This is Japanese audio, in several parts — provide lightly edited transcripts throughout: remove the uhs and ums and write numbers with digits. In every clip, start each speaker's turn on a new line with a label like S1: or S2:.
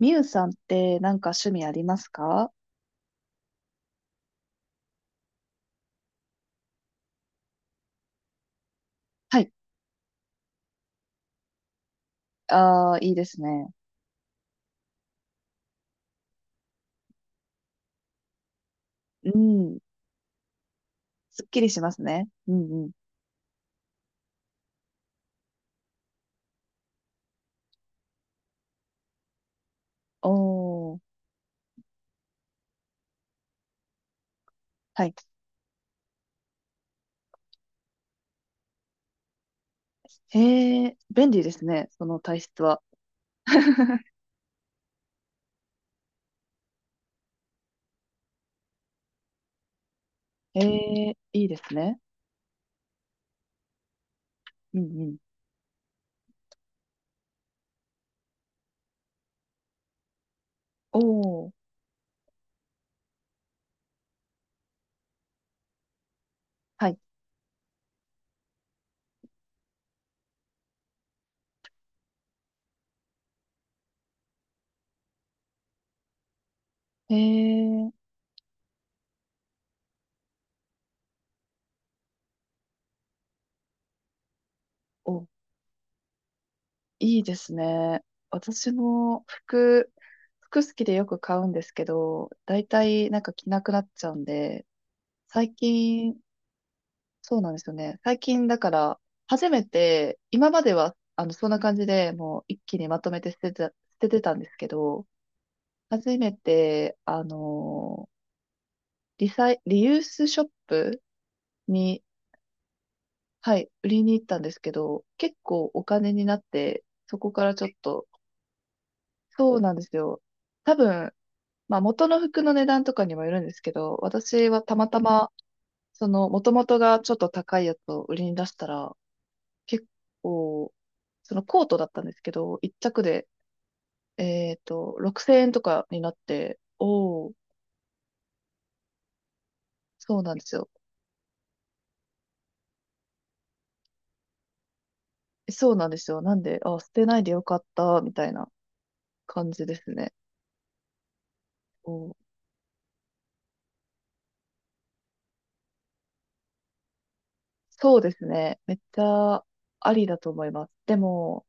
S1: みゆさんってなんか趣味ありますか？はい。ああ、いいですね。うん。すっきりしますね。うんうん。おー。はい。へえ、便利ですね。その体質は。へえ、いいですね。うんうん。おー。はい。へえ、お、いいですね。私も服好きでよく買うんですけど、だいたいなんか着なくなっちゃうんで、最近そうなんですよね。最近だから、初めて、今までは、そんな感じでもう一気にまとめて捨てた、捨ててたんですけど、初めて、リサイ、リユースショップに、はい、売りに行ったんですけど、結構お金になって、そこからちょっと、そうなんですよ。多分、まあ元の服の値段とかにもよるんですけど、私はたまたま、その、元々がちょっと高いやつを売りに出したら、結構、そのコートだったんですけど、一着で、6000円とかになって、おー、そうなんですよ。そうなんですよ。なんで、あ、捨てないでよかった、みたいな感じですね。お、そうですね。めっちゃありだと思います。でも、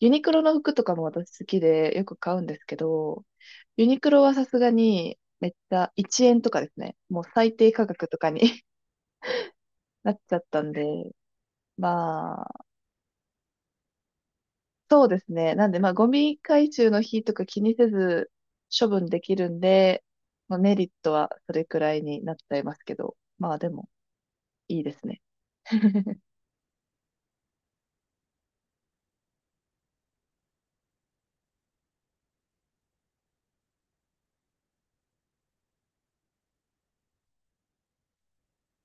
S1: ユニクロの服とかも私好きでよく買うんですけど、ユニクロはさすがにめっちゃ1円とかですね。もう最低価格とかに なっちゃったんで、まあ、そうですね。なんで、まあ、ゴミ回収の日とか気にせず処分できるんで、まあ、メリットはそれくらいになっちゃいますけど、まあでも、いいですね。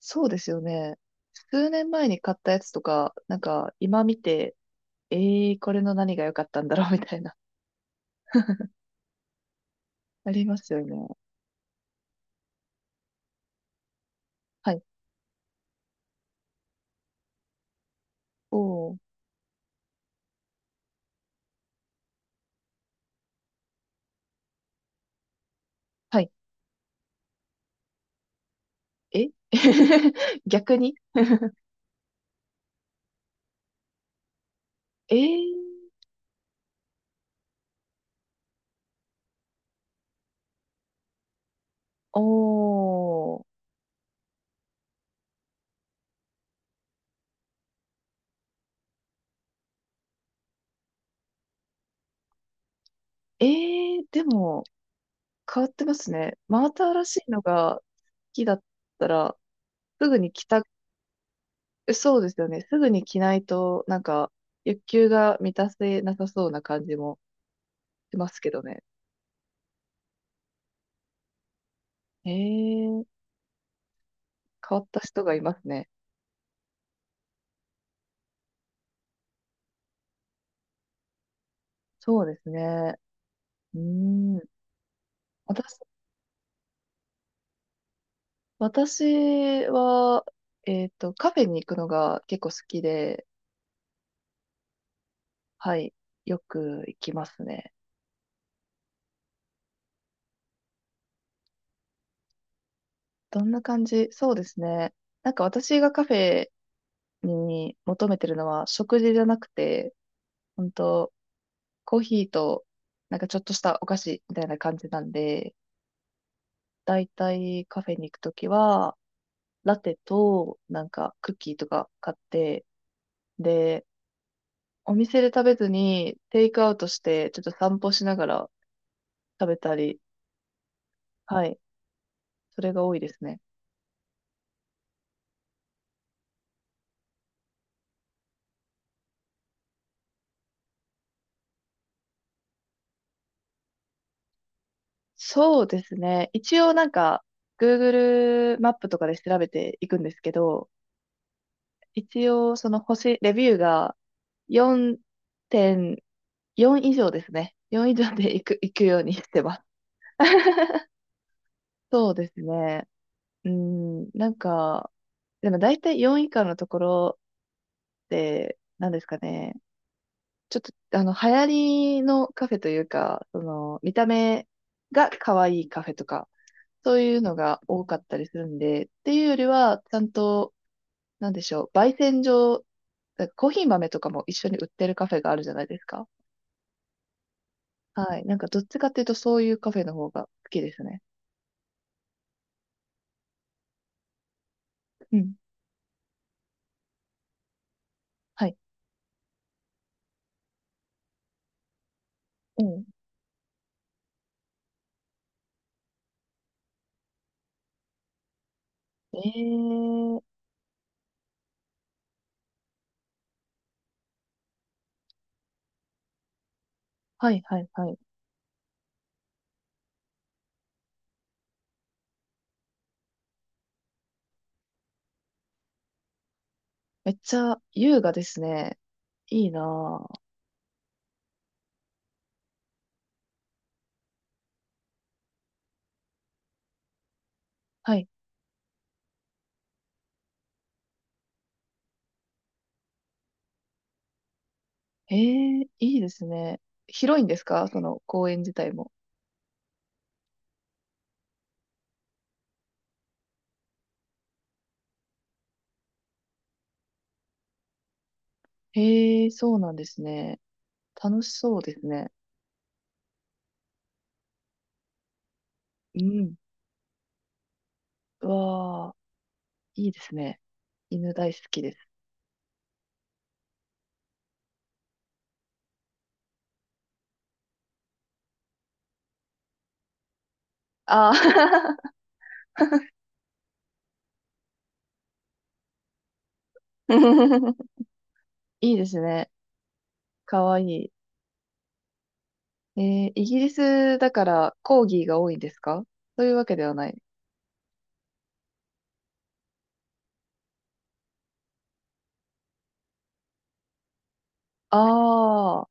S1: そうですよね。数年前に買ったやつとか、なんか今見て、ええー、これの何が良かったんだろうみたいな、ありますよね。はい。おー。はい。え 逆に、えー、おー。えー、でも、変わってますね。真新しいのが好きだったら、すぐに着た、そうですよね。すぐに着ないと、なんか、欲求が満たせなさそうな感じもしますけどね。へえ、変わった人がいますね。そうですね。うーん。私、私は、カフェに行くのが結構好きで、はい、よく行きますね。どんな感じ、そうですね。なんか私がカフェに求めてるのは食事じゃなくて、本当コーヒーとなんかちょっとしたお菓子みたいな感じなんで、だいたいカフェに行くときは、ラテとなんかクッキーとか買って、で、お店で食べずにテイクアウトしてちょっと散歩しながら食べたり、はい、それが多いですね。そうですね。一応なんか Google マップとかで調べていくんですけど、一応、その星、レビューが4.4以上ですね。4以上で行く、行くようにしてます。そうですね。うん、なんか、でも大体4以下のところで、なんですかね。ちょっと、流行りのカフェというか、その、見た目が可愛いカフェとか、そういうのが多かったりするんで、っていうよりは、ちゃんと、なんでしょう、焙煎所、コーヒー豆とかも一緒に売ってるカフェがあるじゃないですか。はい。なんか、どっちかっていうと、そういうカフェの方が好きですね。うん。はい。うん。ええ、はい、はい、はい。めっちゃ優雅ですね。いいなぁ。はい。ええ、いいですね。広いんですか、その公園自体も。へえ、そうなんですね。楽しそうですね。うん。うわあ、いいですね。犬大好きです。ああ いいですね。かわいい。えー、イギリスだからコーギーが多いんですか？そういうわけではない。ああ、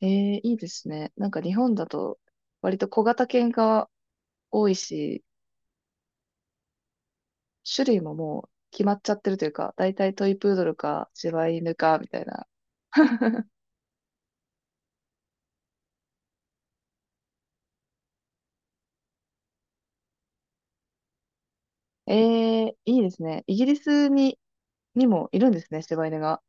S1: ええ、いいですね。なんか日本だと割と小型犬が多いし、種類ももう決まっちゃってるというか、だいたいトイプードルか柴犬かみたいな。ええ、いいですね。イギリスに、にもいるんですね、柴犬が。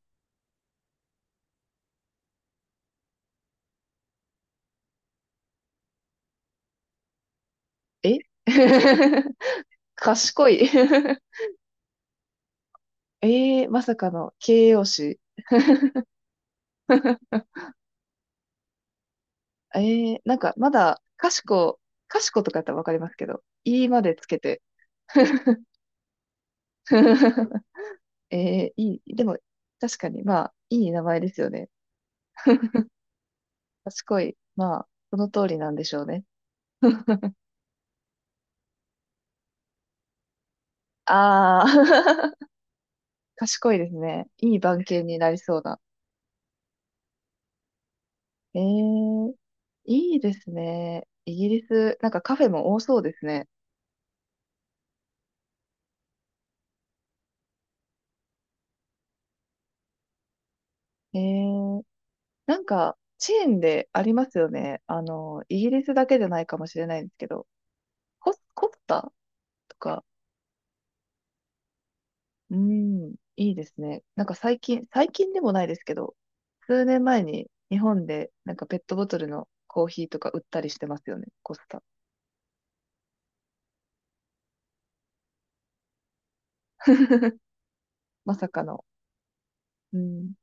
S1: え 賢い ええ、まさかの形容詞。ええ、なんかまだ、賢、賢とかやったらわかりますけど、いまでつけて。えー、いい、でも、確かに、まあ、いい名前ですよね。賢い。まあ、その通りなんでしょうね。ああ、賢いですね。いい番犬になりそうな。えー、いいですね。イギリス、なんかカフェも多そうですね。えー、なんか、チェーンでありますよね。あの、イギリスだけじゃないかもしれないんですけど、コスタとか、うん、いいですね。なんか最近、最近でもないですけど、数年前に日本でなんかペットボトルのコーヒーとか売ったりしてますよね、コスタ。まさかの。うん